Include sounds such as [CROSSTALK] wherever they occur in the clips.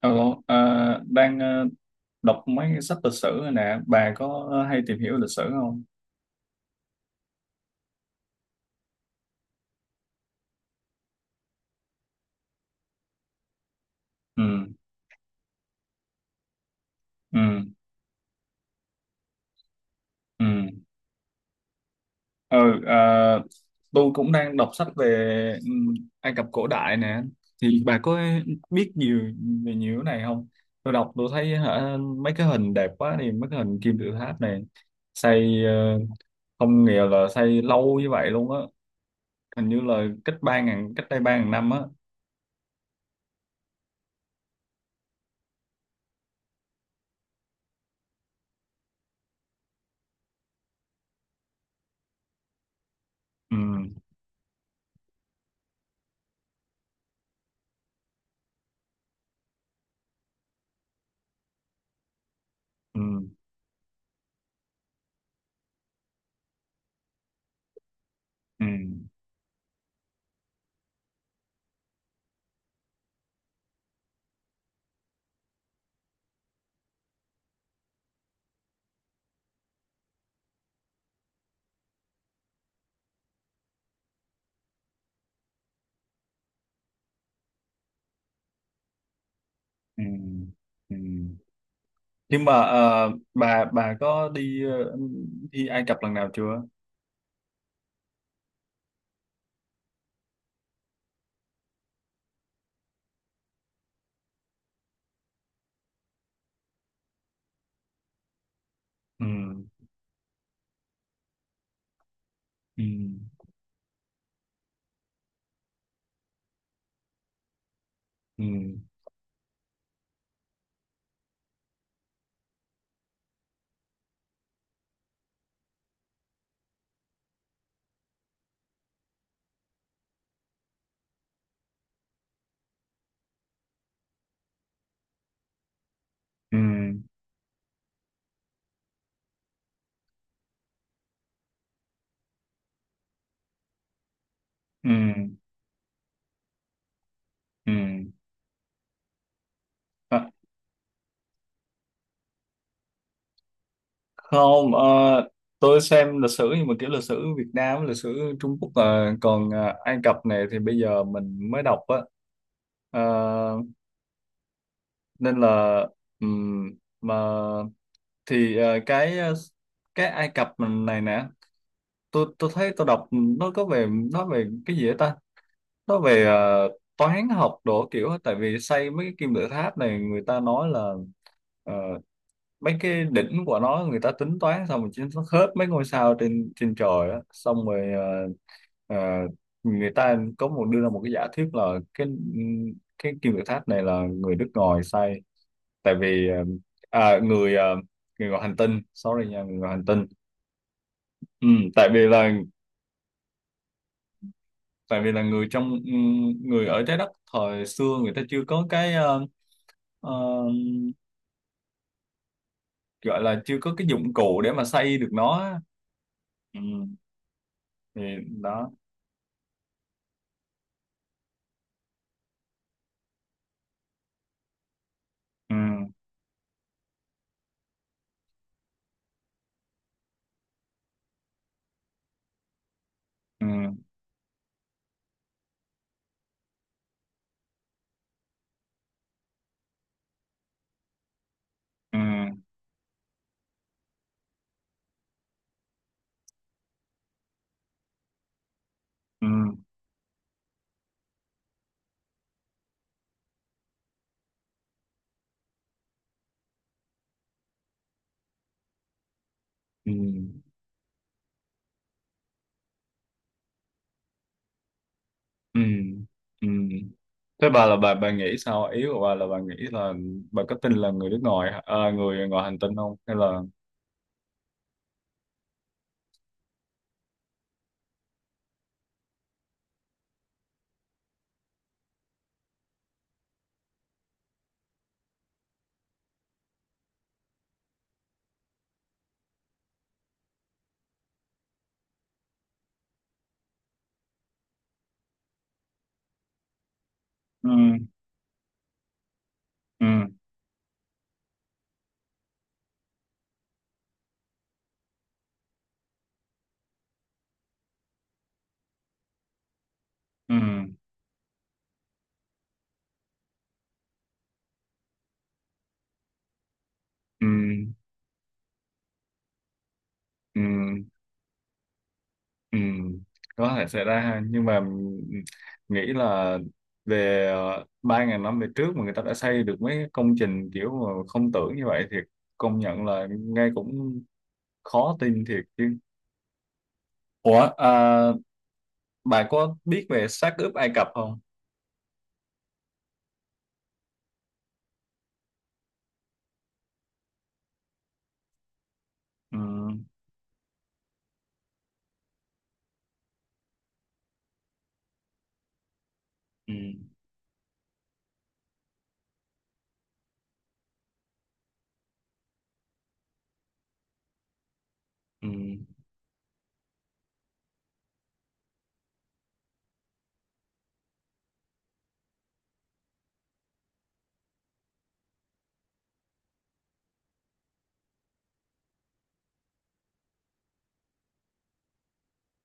Alo, à, đang đọc mấy cái sách lịch sử này nè, bà có hay tìm hiểu lịch sử không? Ừ, ừ, ừ. Ừ, à, tôi cũng đang đọc sách về ừ, Ai Cập cổ đại nè, thì bà có biết nhiều về nhiều cái này không? Tôi đọc tôi thấy hả, mấy cái hình đẹp quá đi, mấy cái hình kim tự tháp này, xây không nghĩa là xây lâu như vậy luôn á, hình như là cách đây 3.000 năm á. Ừ, ừ, ừ. Ừ. Ừ. Nhưng mà bà có đi Ai Cập lần nào chưa? Ừ. Ừ. Ừ. Ừ. Ừ. Ừ. À, không, tôi xem lịch sử nhưng mà kiểu lịch sử Việt Nam, lịch sử Trung Quốc, còn Ai Cập này thì bây giờ mình mới đọc á. Ờ, nên là ừm, mà thì cái Ai Cập này nè tôi thấy tôi đọc nó có về nó về cái gì vậy ta, nó về toán học đồ kiểu á. Tại vì xây mấy cái kim tự tháp này người ta nói là ờ, mấy cái đỉnh của nó người ta tính toán xong rồi chính nó khớp mấy ngôi sao trên trên trời á, xong rồi ờ, người ta có một đưa ra một cái giả thuyết là cái cái kim tự tháp này là người nước ngoài xây, tại vì à, người ờ, người ngoài hành tinh, sorry nha, người ngoài hành tinh. Ừ, tại vì là tại vì là người trong ừ, người ở trái đất thời xưa người ta chưa có cái ờ, gọi là chưa có cái dụng cụ để mà xây được nó á. Ừ, thì đó. Ừ, ừ, ừ, ừ, ừ, ừ, ừ. Thế bà là bà nghĩ sao, ý của bà là bà nghĩ là bà có tin là người ngoài hành tinh không, hay là? Ừ, ừ, ừ, ừ, ừ. Ừ. Ừ, có thể xảy ra ha, nhưng mà mình nghĩ là về 3.000 năm về trước mà người ta đã xây được mấy công trình kiểu mà không tưởng như vậy thì công nhận là nghe cũng khó tin thiệt chứ. Ủa, bà có biết về xác ướp Ai Cập không? Ừ, ừ, ừ,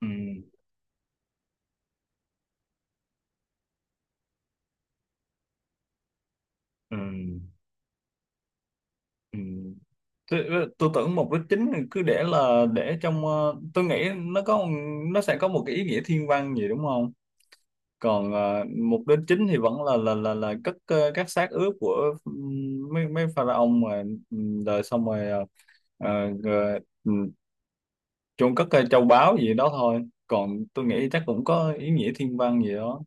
ừ, ừ, ừ. Tôi tưởng mục đích chính cứ để trong tôi nghĩ nó sẽ có một cái ý nghĩa thiên văn gì đúng không? Còn à, mục đích chính thì vẫn là cất các xác ướp của mấy mấy pharaoh mà. Rồi xong rồi ờ, ờ, rồi, chôn cất châu báu gì đó thôi, còn tôi nghĩ chắc cũng có ý nghĩa thiên văn gì đó.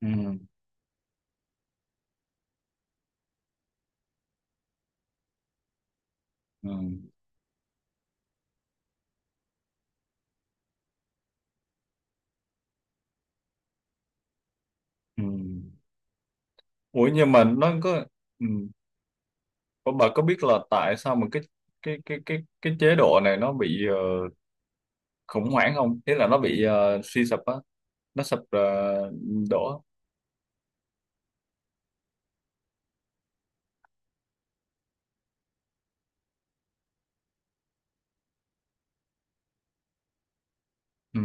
Ừ. Ừ. Ừ. Ủa, nhưng mà nó có ừ. Ủa, bà có biết là tại sao mà cái chế độ này nó bị khủng hoảng không, thế là nó bị suy sụp á, nó sụp đổ. Ừ,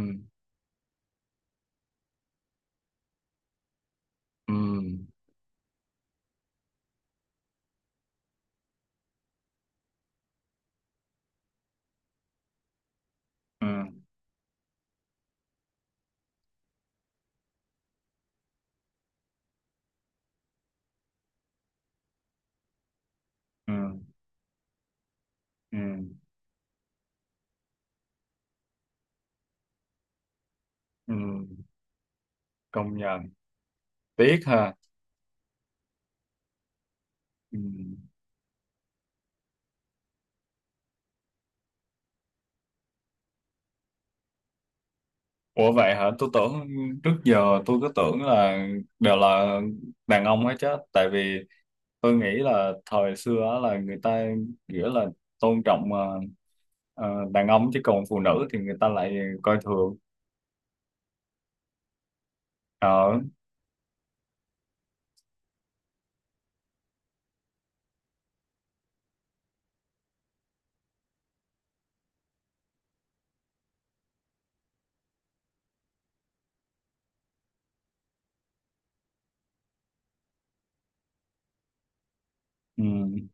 ừ, ừ, ừ, ừ, ừ, công nhận tiếc ha. Ừ. Ủa vậy hả? Tôi tưởng trước giờ tôi cứ tưởng là đều là đàn ông hết chứ, tại vì tôi nghĩ là thời xưa á là người ta nghĩa là tôn trọng đàn ông chứ còn phụ nữ thì người ta lại coi thường. Ờ. Ừ,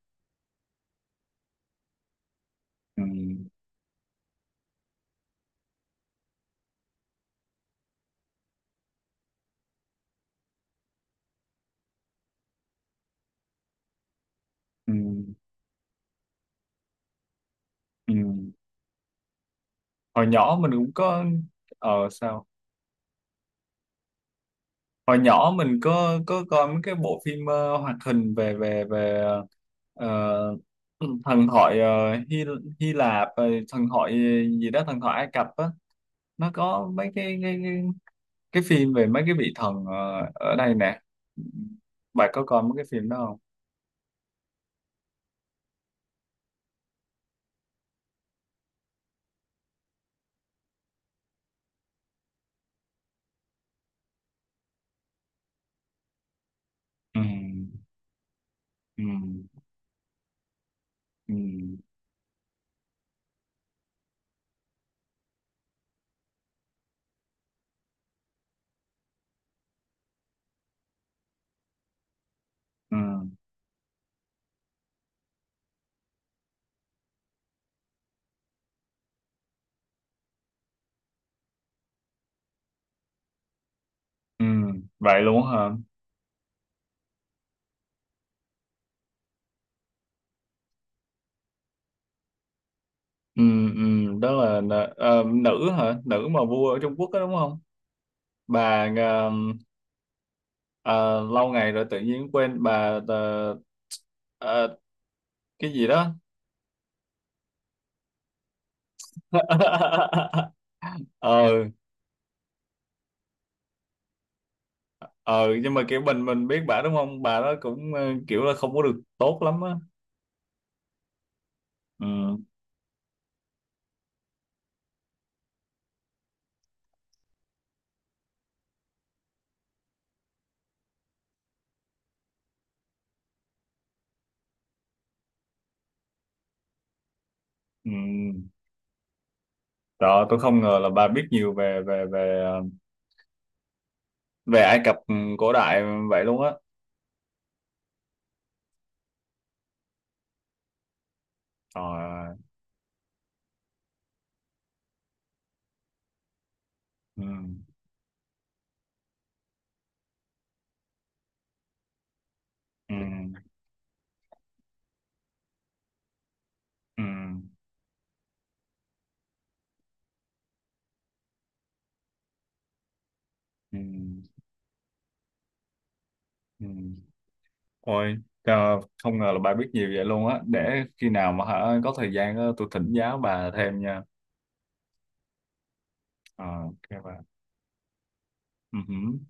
ừ, ừ, ừ. Hồi nhỏ mình cũng có, sao? Hồi nhỏ mình có coi mấy cái bộ phim hoạt hình về về về ờ, thần thoại ờ, Hy Hy Lạp rồi thần thoại gì đó, thần thoại Ai Cập á. Nó có mấy cái phim về mấy cái vị thần ở đây nè, bà có coi mấy cái phim đó không? Ừ, ừ, ừ, ừ, ừ. Vậy luôn hả? Ừ, ừ. Đó là nữ hả, nữ mà vua ở Trung Quốc đó đúng không? Bà Ờ, lâu ngày rồi tự nhiên quên. Bà ờ, cái gì đó. [LAUGHS] ờ ờ nhưng mà kiểu mình biết bà đúng không, bà đó cũng kiểu là không có được tốt lắm á. Ừ, ừ. Đó, tôi không ngờ là bà biết nhiều về về về ờ, về Ai Cập cổ đại vậy luôn á. Trời ơi. Ừ, ừ, ừ, ừ, ừ. Ôi trời, không ngờ là bà biết nhiều vậy luôn á, để khi nào mà hả có thời gian á, tôi thỉnh giáo bà thêm nha. Ờ, ô kê bạn. Ừ hứm.